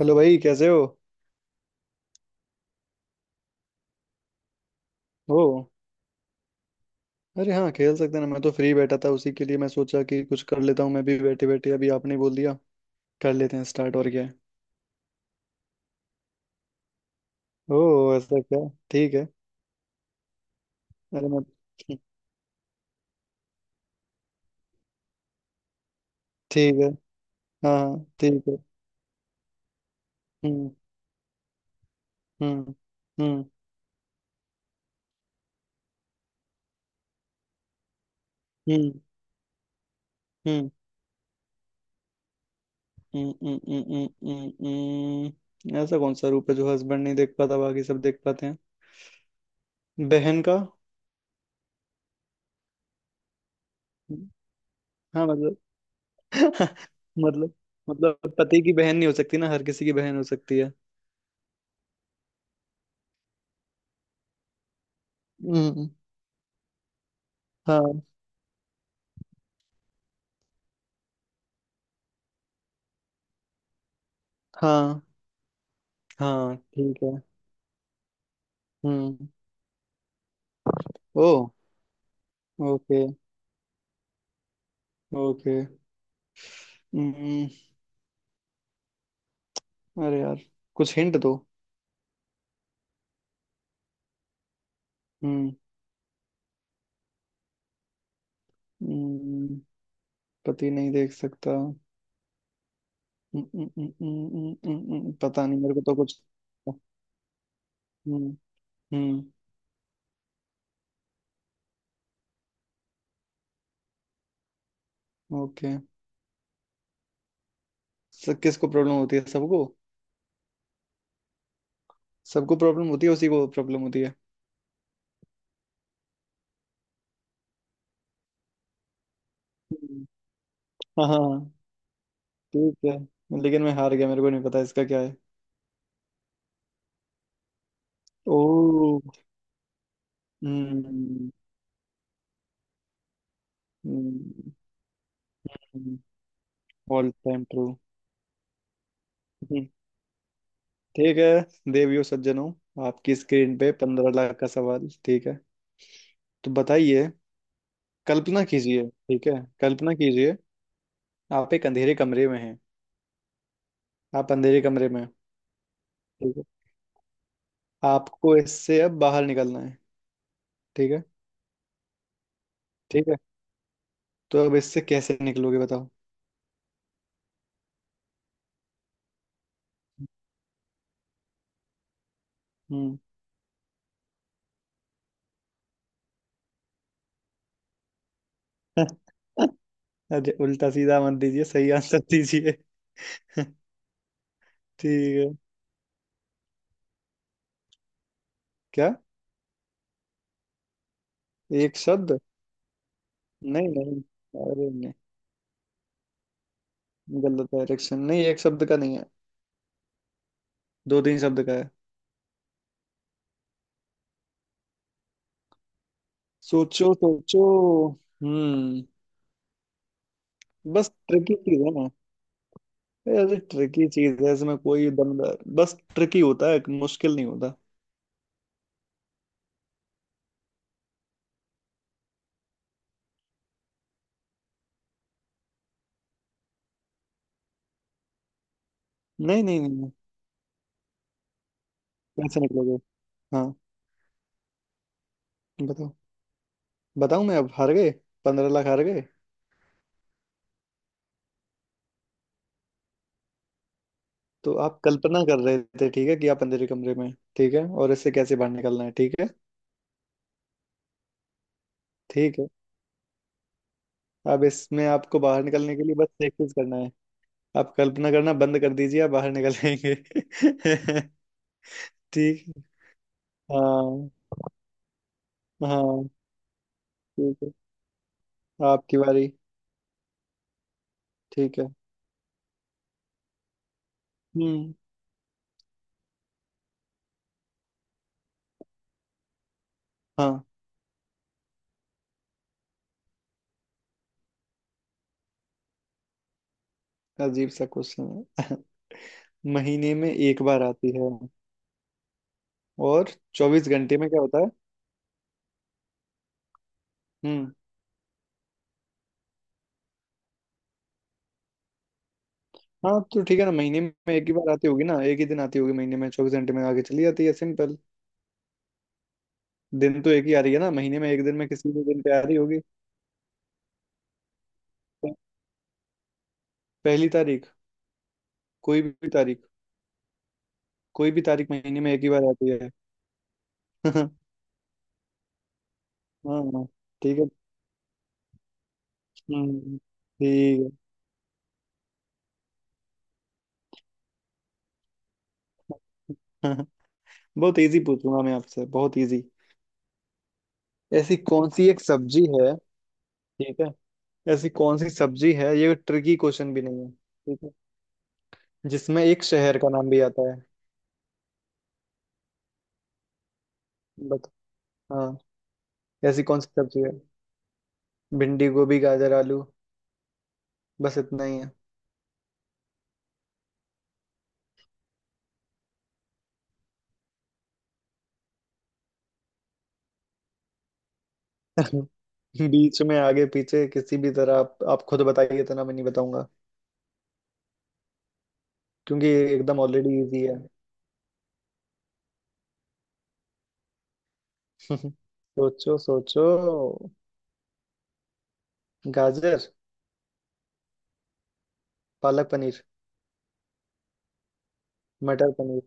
Hello भाई, कैसे हो? ओ, अरे हाँ, खेल सकते हैं ना। मैं तो फ्री बैठा था, उसी के लिए मैं सोचा कि कुछ कर लेता हूँ मैं भी बैठे बैठे, अभी आपने बोल दिया। कर लेते हैं स्टार्ट, और क्या है। ओ, ऐसा क्या? ठीक है। अरे मैं ठीक है। हाँ हाँ, ठीक है। हम्म, हम्म, हम्म, हम्म, हम्म, हम्म, हम्म, हम्म, हम्म, हम्म, ऐसा कौन सा रूप है जो हस्बैंड नहीं देख पाता, बाकी सब देख पाते हैं? बहन का। हाँ, मतलब मतलब मतलब पति की बहन नहीं हो सकती ना, हर किसी की बहन हो सकती है। हम्म, हाँ हाँ हाँ, ठीक है। हम्म। ओ, ओके, ओके। हम्म, अरे यार, कुछ हिंट दो। हम्म, हम्म, पति नहीं देख सकता। पता नहीं, मेरे को तो कुछ। हम्म, हम्म, ओके। सब किसको प्रॉब्लम होती है? सबको। सबको प्रॉब्लम होती है, उसी को प्रॉब्लम होती है। हम्म, हाँ हाँ, ठीक है। लेकिन मैं हार गया, मेरे को नहीं पता इसका क्या है। ओ, हम्म, ऑल टाइम ट्रू। हम्म, ठीक है देवियों सज्जनों, आपकी स्क्रीन पे 15 लाख का सवाल, ठीक है? तो बताइए। कल्पना कीजिए, ठीक है? कल्पना कीजिए। आप एक अंधेरे कमरे में हैं। आप अंधेरे कमरे में हैं, ठीक है। आपको इससे अब बाहर निकलना है, ठीक है। ठीक है, तो अब इससे कैसे निकलोगे, बताओ? हम्म। अरे, उल्टा सीधा मत दीजिए, सही आंसर दीजिए। ठीक है, क्या एक शब्द? नहीं नहीं, अरे नहीं, गलत डायरेक्शन नहीं, एक शब्द का नहीं है। दो तीन शब्द का है। सोचो सोचो। हम्म, बस ट्रिकी चीज है ना। ऐसे ट्रिकी चीज है, इसमें कोई दमदार, बस ट्रिकी होता है, मुश्किल नहीं होता। नहीं नहीं नहीं नहीं, कैसे निकलोगे? हाँ, बताओ। बताऊं मैं? अब हार गए, 15 लाख हार गए। तो आप कल्पना कर रहे थे, ठीक है, कि आप अंधेरे कमरे में हैं, ठीक है, और इससे कैसे बाहर निकलना है, ठीक है? ठीक है, अब इसमें आपको बाहर निकलने के लिए बस एक चीज करना है। आप कल्पना करना बंद कर दीजिए, आप बाहर निकल आएंगे। ठीक। हाँ हाँ, ठीक है, आपकी बारी। ठीक है। हम्म, हाँ, अजीब सा क्वेश्चन है। महीने में एक बार आती है और 24 घंटे में क्या होता है? हम्म, हाँ तो ठीक है ना, महीने में एक ही बार आती होगी ना, एक ही दिन आती होगी महीने में, 24 घंटे में आगे चली जाती है। सिंपल। दिन तो एक ही आ रही है ना महीने में, एक दिन में, किसी भी दिन पे आ रही होगी। पहली तारीख, कोई भी तारीख। कोई भी तारीख महीने में एक ही बार आती है। हाँ, ठीक है। हम्म, ठीक है। बहुत इजी पूछूंगा मैं आपसे, बहुत इजी। ऐसी कौन सी एक सब्जी है, ठीक है? ऐसी कौन सी सब्जी है, ये ट्रिकी क्वेश्चन भी नहीं है, ठीक है, जिसमें एक शहर का नाम भी आता है? बट हाँ, ऐसी कौन सी सब्जी है? भिंडी, गोभी, गाजर, आलू। बस इतना ही है। बीच में आगे पीछे किसी भी तरह, आप खुद बताइए तो ना, मैं नहीं बताऊंगा, क्योंकि ये एकदम ऑलरेडी इजी है। सोचो सोचो। गाजर, पालक पनीर, मटर पनीर।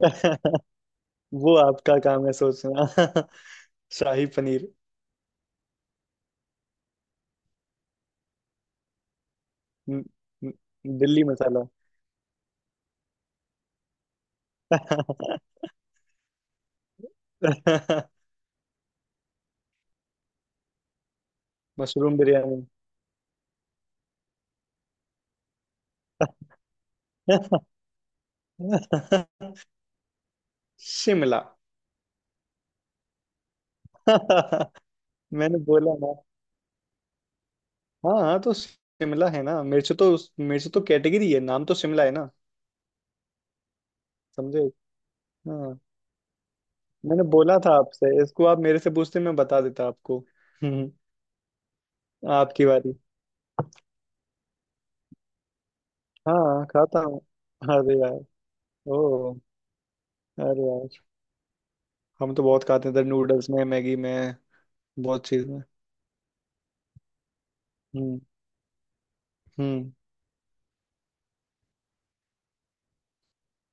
वो आपका काम है सोचना। शाही पनीर, न- न- दिल्ली मसाला। मशरूम बिरयानी। शिमला। मैंने बोला ना। हाँ हाँ, तो शिमला है ना, मिर्च तो। मिर्च तो कैटेगरी है, नाम तो शिमला है ना। समझे? हाँ, मैंने बोला था आपसे, इसको आप मेरे से पूछते मैं बता देता आपको। हम्म, आपकी बारी। हाँ, खाता हूँ। अरे यार। ओ, अरे यार, हम तो बहुत खाते हैं, इधर नूडल्स में, मैगी में, बहुत चीज में। हम्म, हम्म,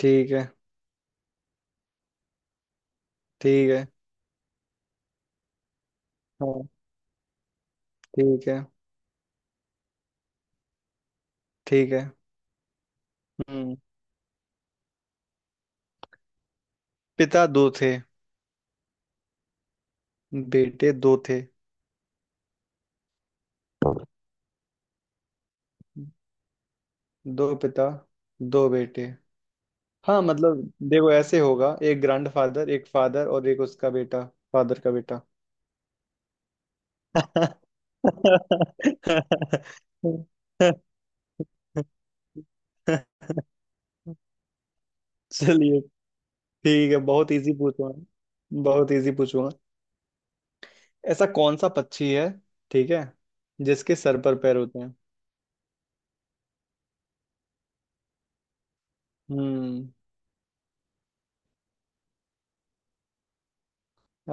ठीक है, ठीक है। हाँ, ठीक है। ठीक है। हम्म, पिता दो थे, बेटे दो थे। दो पिता, दो बेटे। हाँ मतलब देखो, ऐसे होगा, एक ग्रैंडफादर, एक फादर और एक उसका बेटा। फादर का बेटा। चलिए, ठीक है, बहुत इजी पूछूंगा, बहुत इजी पूछूंगा। ऐसा कौन सा पक्षी है, ठीक है, जिसके सर पर पैर होते हैं? हम्म।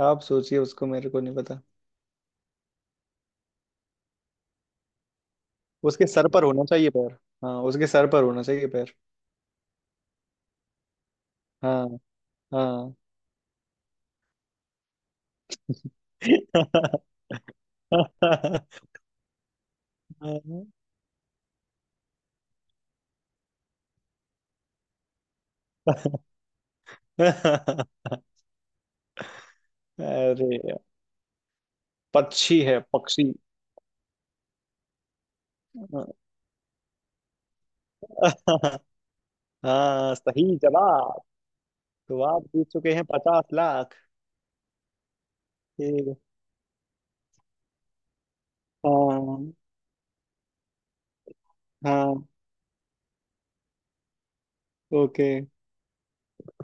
आप सोचिए उसको, मेरे को नहीं पता। उसके सर पर होना चाहिए पैर। हाँ, उसके सर पर होना चाहिए पैर। हाँ हाँ। अरे यार, पक्षी है पक्षी। हाँ, सही जवाब। तो आप जीत चुके हैं 50 लाख। ठीक है। हाँ हाँ, ओके।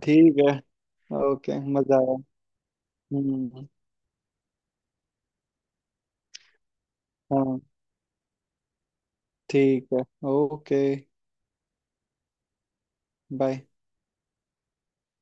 ठीक है। ओके, मजा आया। हम्म, हाँ, ठीक है। ओके। बाय।